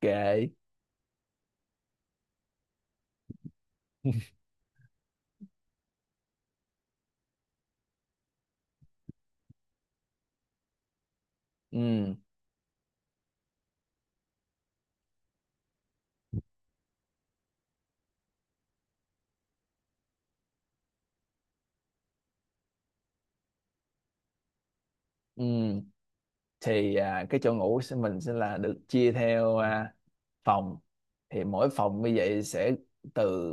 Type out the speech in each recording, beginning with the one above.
Kệ. Ừ, ừ, thì cái chỗ ngủ mình sẽ là được chia theo phòng. Thì mỗi phòng như vậy sẽ từ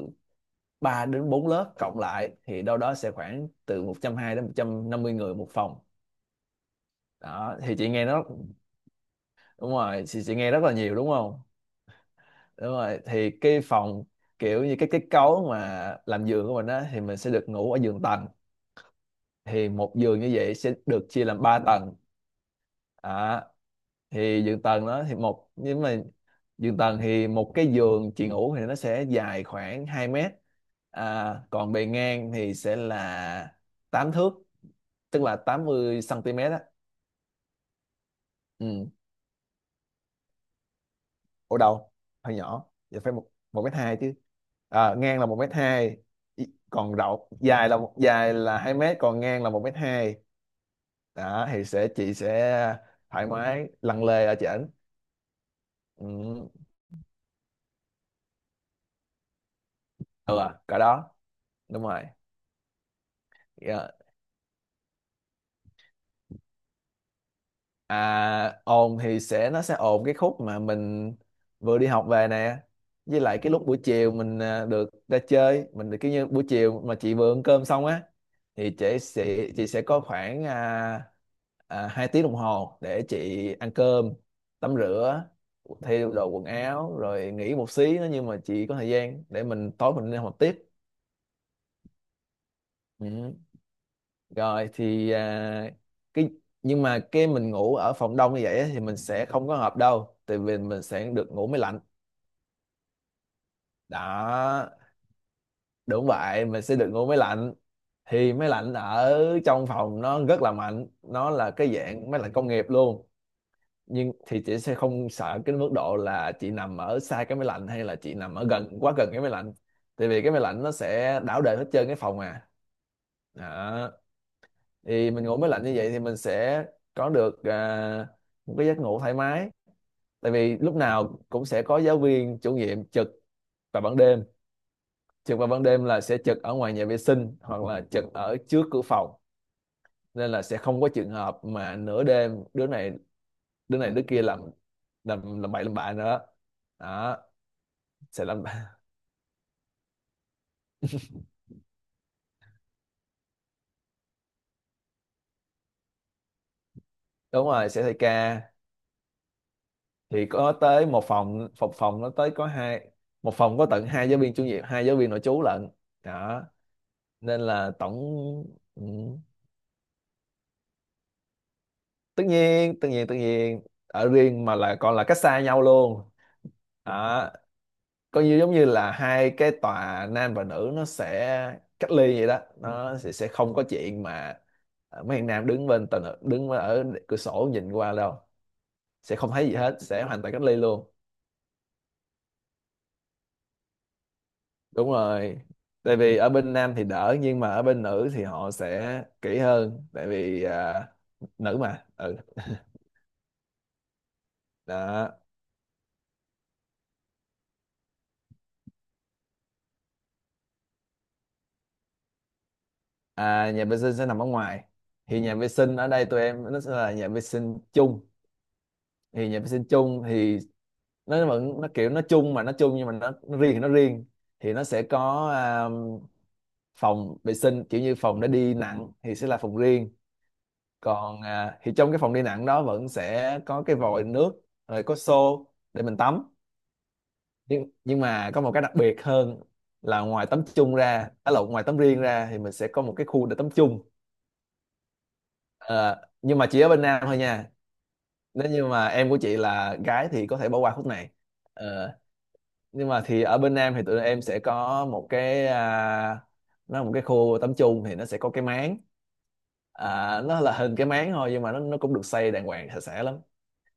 3 đến 4 lớp cộng lại, thì đâu đó sẽ khoảng từ 120 đến 150 người một phòng. Đó thì chị nghe nó đúng rồi chị nghe rất là nhiều đúng không? Đúng rồi, thì cái phòng kiểu như cái kết cấu mà làm giường của mình á thì mình sẽ được ngủ ở giường tầng. Thì một giường như vậy sẽ được chia làm 3 tầng. Đó, thì giường tầng đó thì một nhưng mà giường tầng thì một cái giường chị ngủ thì nó sẽ dài khoảng 2 mét. Còn bề ngang thì sẽ là 8 thước, tức là 80 cm á. Ừ, ở đầu hơi nhỏ, giờ phải một 1,2 m chứ. Ngang là 1,2 m. Còn rộng dài là 2 mét, còn ngang là 1,2 m. Đó thì chị sẽ thoải mái lăn lê ở trên. Ừ. Ừ cỡ đó. Đúng rồi. Dạ, ồn thì nó sẽ ồn cái khúc mà mình vừa đi học về nè, với lại cái lúc buổi chiều mình được ra chơi, mình được kiểu như buổi chiều mà chị vừa ăn cơm xong á thì chị sẽ có khoảng 2 tiếng đồng hồ để chị ăn cơm, tắm rửa, thay đồ quần áo rồi nghỉ một xí nữa, nhưng mà chị có thời gian để mình tối mình đi học tiếp. Ừ. Rồi thì cái nhưng mà cái mình ngủ ở phòng đông như vậy á, thì mình sẽ không có hợp đâu, tại vì mình sẽ được ngủ máy lạnh. Đó, đúng vậy, mình sẽ được ngủ máy lạnh. Thì máy lạnh ở trong phòng nó rất là mạnh, nó là cái dạng máy lạnh công nghiệp luôn. Nhưng thì chị sẽ không sợ cái mức độ là chị nằm ở xa cái máy lạnh, hay là chị nằm ở gần quá gần cái máy lạnh, tại vì cái máy lạnh nó sẽ đảo đời hết trơn cái phòng đó, thì mình ngủ máy lạnh như vậy thì mình sẽ có được một cái giấc ngủ thoải mái, tại vì lúc nào cũng sẽ có giáo viên chủ nhiệm trực vào ban đêm. Trực vào ban đêm là sẽ trực ở ngoài nhà vệ sinh hoặc là trực ở trước cửa phòng, nên là sẽ không có trường hợp mà nửa đêm đứa này đứa kia làm làm bậy làm bạ nữa. Đó, sẽ làm. Đúng rồi, sẽ thay ca. Thì có tới một phòng, phòng phòng nó tới có hai, một phòng có tận hai giáo viên chủ nhiệm, hai giáo viên nội trú lận. Đó, nên là tổng, ừ, tất nhiên, tất nhiên, tất nhiên, ở riêng mà là còn là cách xa nhau luôn. Đó, coi như giống như là hai cái tòa nam và nữ nó sẽ cách ly vậy đó, nó sẽ không có chuyện mà mấy thằng nam đứng bên tòa nữ đứng ở cửa sổ nhìn qua đâu, sẽ không thấy gì hết, sẽ hoàn toàn cách ly luôn. Đúng rồi. Tại vì ở bên nam thì đỡ, nhưng mà ở bên nữ thì họ sẽ kỹ hơn, tại vì nữ mà, ừ. Đó. À, nhà vệ sinh sẽ nằm ở ngoài. Thì nhà vệ sinh ở đây tụi em nó sẽ là nhà vệ sinh chung. Thì nhà vệ sinh chung thì nó vẫn, nó kiểu nó chung mà nó chung, nhưng mà nó riêng thì nó riêng. Thì nó sẽ có phòng vệ sinh kiểu như phòng để đi nặng thì sẽ là phòng riêng. Còn thì trong cái phòng đi nặng đó vẫn sẽ có cái vòi nước, rồi có xô để mình tắm. Nhưng mà có một cái đặc biệt hơn là ngoài tắm chung ra, à lộn, ngoài tắm riêng ra thì mình sẽ có một cái khu để tắm chung. Ờ, nhưng mà chỉ ở bên Nam thôi nha, nếu như mà em của chị là gái thì có thể bỏ qua khúc này. ờ, nhưng mà thì ở bên nam thì tụi em sẽ có một cái, nó là một cái khu tắm chung. Thì nó sẽ có cái máng, nó là hình cái máng thôi nhưng mà nó cũng được xây đàng hoàng sạch sẽ lắm.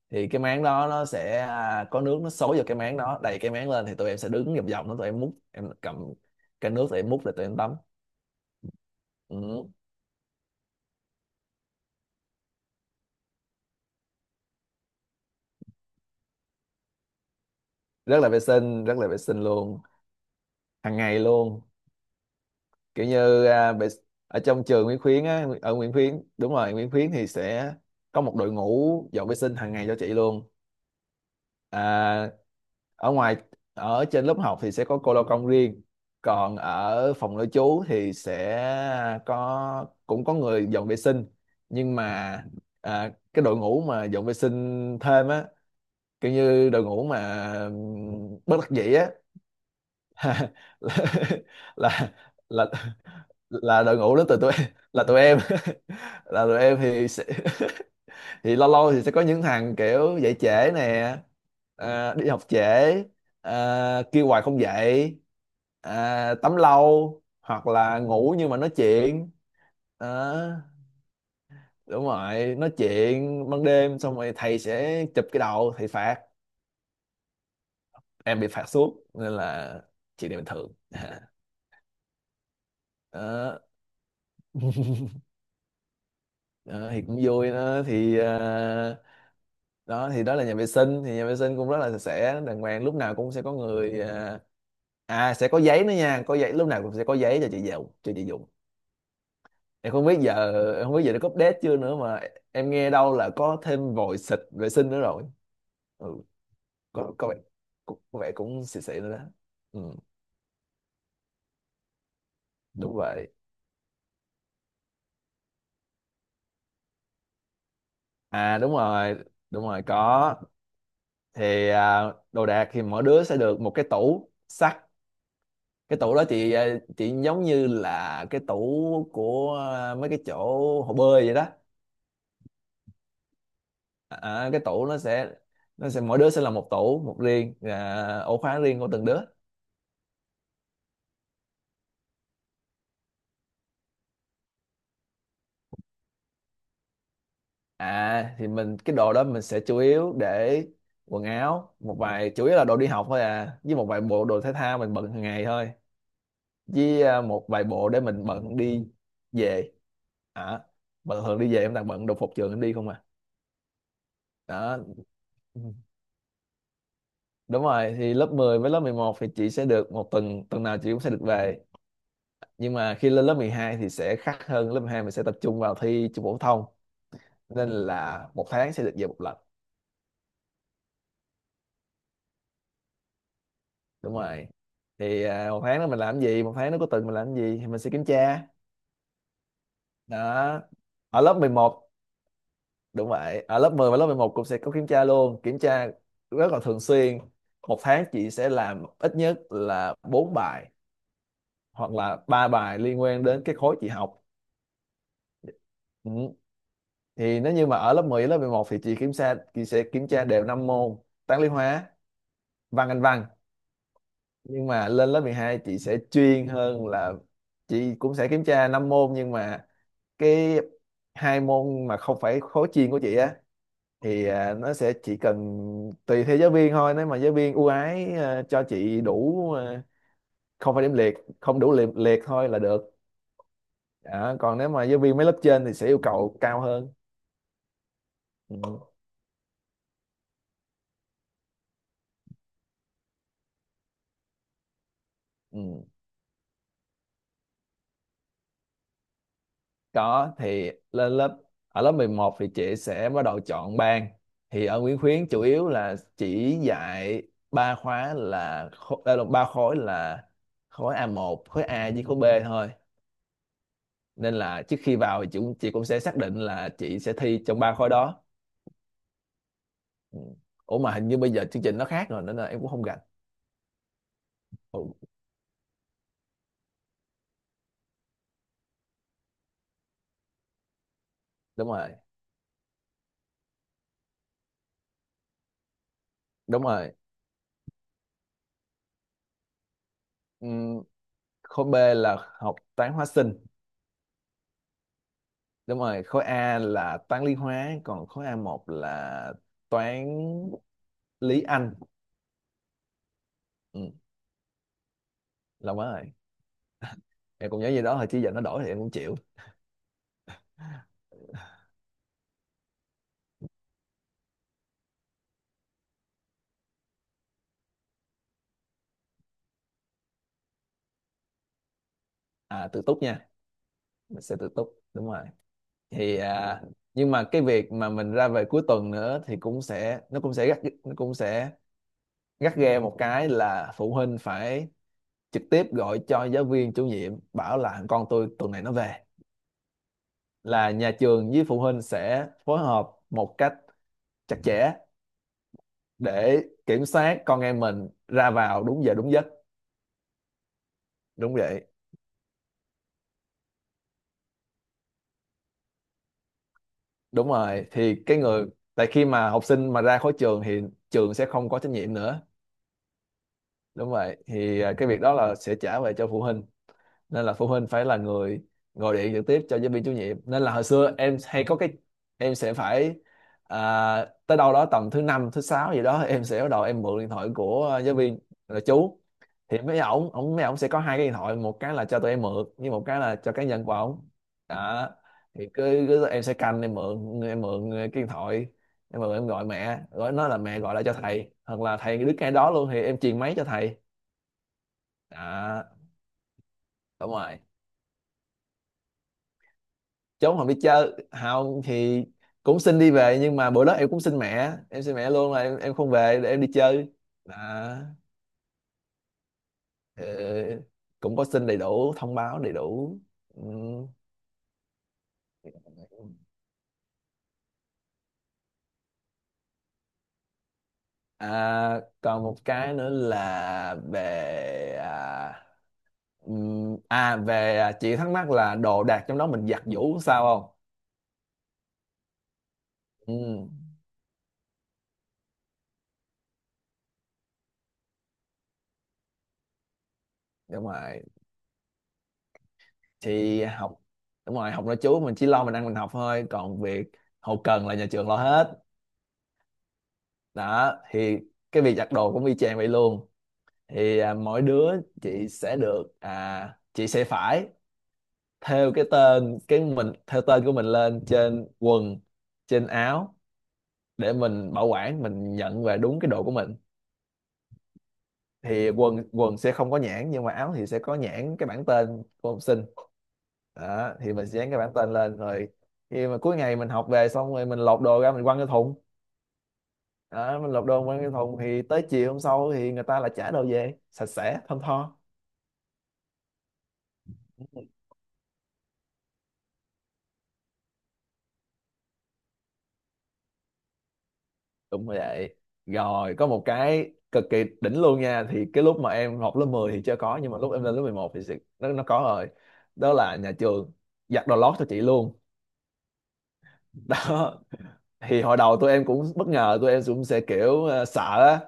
Thì cái máng đó nó sẽ có nước nó xối vào cái máng đó đầy cái máng lên, thì tụi em sẽ đứng vòng vòng nó, tụi em múc, em cầm cái nước tụi em múc để tụi em tắm. Ừ. Rất là vệ sinh, rất là vệ sinh luôn. Hàng ngày luôn. Kiểu như ở trong trường Nguyễn Khuyến á, ở Nguyễn Khuyến, đúng rồi, Nguyễn Khuyến thì sẽ có một đội ngũ dọn vệ sinh hàng ngày cho chị luôn. à, Ở ngoài, ở trên lớp học thì sẽ có cô lao công riêng, còn ở phòng nội trú thì sẽ có, cũng có người dọn vệ sinh. Nhưng mà cái đội ngũ mà dọn vệ sinh thêm á, kiểu như đội ngũ mà bất đắc dĩ á. là là là đội ngũ đến từ tụi em. Là tụi em. Là tụi em thì sẽ. Thì lâu lâu thì sẽ có những thằng kiểu dậy trễ nè, đi học trễ, kêu hoài không dậy, tắm lâu, hoặc là ngủ nhưng mà nói chuyện. Đó, đúng rồi, nói chuyện ban đêm xong rồi thầy sẽ chụp cái đầu thầy phạt. Em bị phạt suốt, nên là chuyện này bình thường. Đó, đó, thì cũng vui. Đó thì đó thì đó là nhà vệ sinh. Thì nhà vệ sinh cũng rất là sạch sẽ đàng hoàng, lúc nào cũng sẽ có người, à sẽ có giấy nữa nha, có giấy, lúc nào cũng sẽ có giấy cho chị dùng em không biết giờ, nó có update chưa nữa, mà em nghe đâu là có thêm vòi xịt vệ sinh nữa rồi. Ừ. Có vẻ, có vẻ cũng xịn xịn nữa đó. Ừ, đúng vậy. À, đúng rồi, có. Thì đồ đạc thì mỗi đứa sẽ được một cái tủ sắt. Cái tủ đó chị, ờ, chị giống như là cái tủ của, ờ, mấy cái chỗ hồ bơi vậy đó. Ờ, cái tủ nó sẽ, mỗi đứa sẽ là một tủ một riêng, ờ, ổ khóa riêng của từng đứa. À thì mình, cái đồ đó mình sẽ chủ yếu để quần áo, một vài, chủ yếu là đồ đi học thôi, à, với một vài bộ đồ thể thao mình bận hàng ngày thôi, với ờ, một vài bộ để mình bận đi về. À, bận thường đi về em toàn bận đồ phục trường em đi không à. Đó. Đúng rồi, thì lớp 10 với lớp 10 một thì chị sẽ được một tuần, tuần nào chị cũng sẽ được về. Nhưng mà khi lên lớp 12 thì sẽ khác hơn, lớp 12 mình sẽ tập trung vào thi trung phổ thông, nên là một tháng sẽ được về một lần. Đúng rồi, thì một tháng đó mình làm gì, một tháng nó có tuần mình làm gì thì mình sẽ kiểm tra. Đó, ở lớp mười một, đúng vậy. Ở lớp 10 và lớp 11 cũng sẽ có kiểm tra luôn, kiểm tra rất là thường xuyên. Một tháng chị sẽ làm ít nhất là 4 bài, hoặc là ba bài liên quan đến cái khối chị học. Ừ. Thì nếu như mà ở lớp 11 thì chị sẽ kiểm tra đều 5 môn: toán lý hóa, văn, anh văn. Nhưng mà lên lớp 12 chị sẽ chuyên hơn là chị cũng sẽ kiểm tra 5 môn, nhưng mà cái hai môn mà không phải khối chuyên của chị á, thì nó sẽ chỉ cần tùy theo giáo viên thôi, nếu mà giáo viên ưu ái cho chị đủ, không phải điểm liệt, không đủ liệt liệt thôi là được. Đó, còn nếu mà giáo viên mấy lớp trên thì sẽ yêu cầu cao hơn. Ừ. Ừ. Có. Thì lên lớp ở lớp 11 thì chị sẽ bắt đầu chọn ban. Thì ở Nguyễn Khuyến chủ yếu là chỉ dạy ba khóa là khô- ờ, ba khối là khối A1, khối A, với khối B thôi. Nên là trước khi vào thì chị cũng sẽ xác định là chị sẽ thi trong ba khối đó. Ừ. Ủa mà hình như bây giờ chương trình nó khác rồi nên là em cũng không rành. Ừ, đúng rồi, đúng rồi. Ừm, khối B là học toán hóa sinh, đúng rồi. Khối A là toán lý hóa, còn khối a một là toán lý Anh. ừ, Lâu quá rồi, em cũng nhớ gì đó thôi chứ giờ nó đổi thì em cũng chịu. À, tự túc nha, mình sẽ tự túc, đúng rồi. thì à, nhưng mà cái việc mà mình ra về cuối tuần nữa thì cũng sẽ, nó cũng sẽ gắt, nó cũng sẽ gắt ghe. Một cái là phụ huynh phải trực tiếp gọi cho giáo viên chủ nhiệm bảo là con tôi tuần này nó về, là nhà trường với phụ huynh sẽ phối hợp một cách chặt chẽ để kiểm soát con em mình ra vào đúng giờ đúng giấc. Đúng vậy, đúng rồi. Thì cái người, tại khi mà học sinh mà ra khỏi trường thì trường sẽ không có trách nhiệm nữa. Đúng vậy. Cái việc đó là sẽ trả về cho phụ huynh, nên là phụ huynh phải là người gọi điện trực tiếp cho giáo viên chủ nhiệm. Nên là hồi xưa em hay có cái em sẽ phải, tới đâu đó tầm thứ năm thứ sáu gì đó, em sẽ bắt đầu em mượn điện thoại của giáo viên là chú. Thì mấy ổng ổng mấy ổng sẽ có hai cái điện thoại, một cái là cho tụi em mượn với một cái là cho cá nhân của ổng. Đó, thì cứ em sẽ canh em mượn, em mượn cái điện thoại, em mượn em gọi mẹ, gọi nó là mẹ gọi lại cho thầy, hoặc là thầy đứng ngay đó luôn thì em truyền máy cho thầy. Đó, đúng rồi. Trốn không đi chơi, không thì cũng xin đi về, nhưng mà bữa đó em cũng xin mẹ, em xin mẹ luôn là em không về để em đi chơi. à, ờ, Cũng có xin đầy đủ, thông báo đầy đủ. Ừ. À, còn một cái nữa là về à, à về à, chị thắc mắc là đồ đạc trong đó mình giặt giũ sao không. Ừ, đúng rồi. Thì học đúng rồi, học nội trú mình chỉ lo mình ăn mình học thôi, còn việc hậu cần là nhà trường lo hết. Đó, thì cái việc giặt đồ cũng y chang vậy luôn. Mỗi đứa chị sẽ phải thêu cái tên, cái mình thêu tên của mình lên trên quần trên áo để mình bảo quản, mình nhận về đúng cái đồ của mình. Thì quần quần sẽ không có nhãn, nhưng mà áo thì sẽ có nhãn cái bảng tên của học sinh. Đó, thì mình sẽ dán cái bảng tên lên, rồi khi mà cuối ngày mình học về xong rồi mình lột đồ ra mình quăng cái thùng. Đó, mình lột đồ quăng cái thùng, thì tới chiều hôm sau thì người ta lại trả đồ về sạch sẽ thơm tho. Đúng rồi vậy. Rồi có một cái cực kỳ đỉnh luôn nha, thì cái lúc mà em học lớp 10 thì chưa có, nhưng mà lúc em lên lớp 11 thì nó có rồi. Đó là nhà trường giặt đồ lót cho chị luôn. Đó, thì hồi đầu tụi em cũng bất ngờ, tụi em cũng sẽ kiểu sợ á,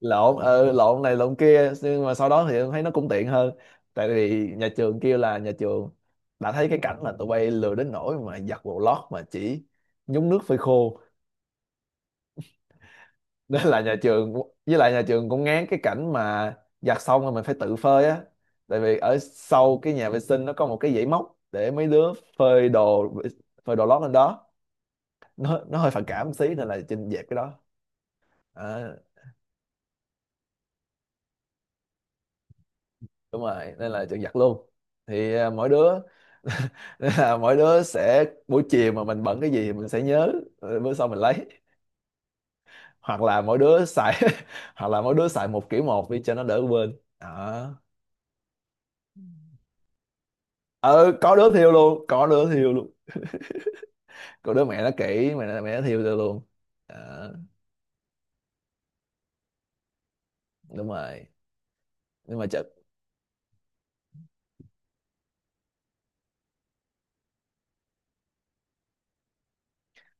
lộn. Ừ, lộn này lộn kia, nhưng mà sau đó thì em thấy nó cũng tiện hơn. Tại vì nhà trường kêu là nhà trường đã thấy cái cảnh là tụi bay lười đến nỗi mà giặt đồ lót mà chỉ nhúng nước phơi khô. Nên là nhà trường, với lại nhà trường cũng ngán cái cảnh mà giặt xong rồi mình phải tự phơi á, tại vì ở sau cái nhà vệ sinh nó có một cái dãy móc để mấy đứa phơi đồ, phơi đồ lót lên đó. Nó hơi phản cảm một xí nên là Trinh dẹp cái đó. À, đúng rồi, nên là Trinh giặt luôn. Thì à, mỗi đứa Nên là mỗi đứa sẽ buổi chiều mà mình bận cái gì thì mình sẽ nhớ, bữa sau mình lấy. Hoặc là mỗi đứa xài Hoặc là mỗi đứa xài một kiểu một đi cho nó đỡ quên đó. Ừ, có đứa thiêu luôn, cô đứa mẹ nó kỹ, mẹ nó thiêu tôi luôn. Đó, đúng rồi. Nhưng mà chật.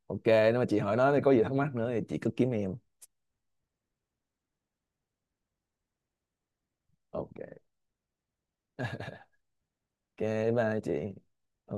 Ok, nếu mà chị hỏi nó thì có gì thắc mắc nữa thì chị cứ kiếm em. Ok ok, bye chị.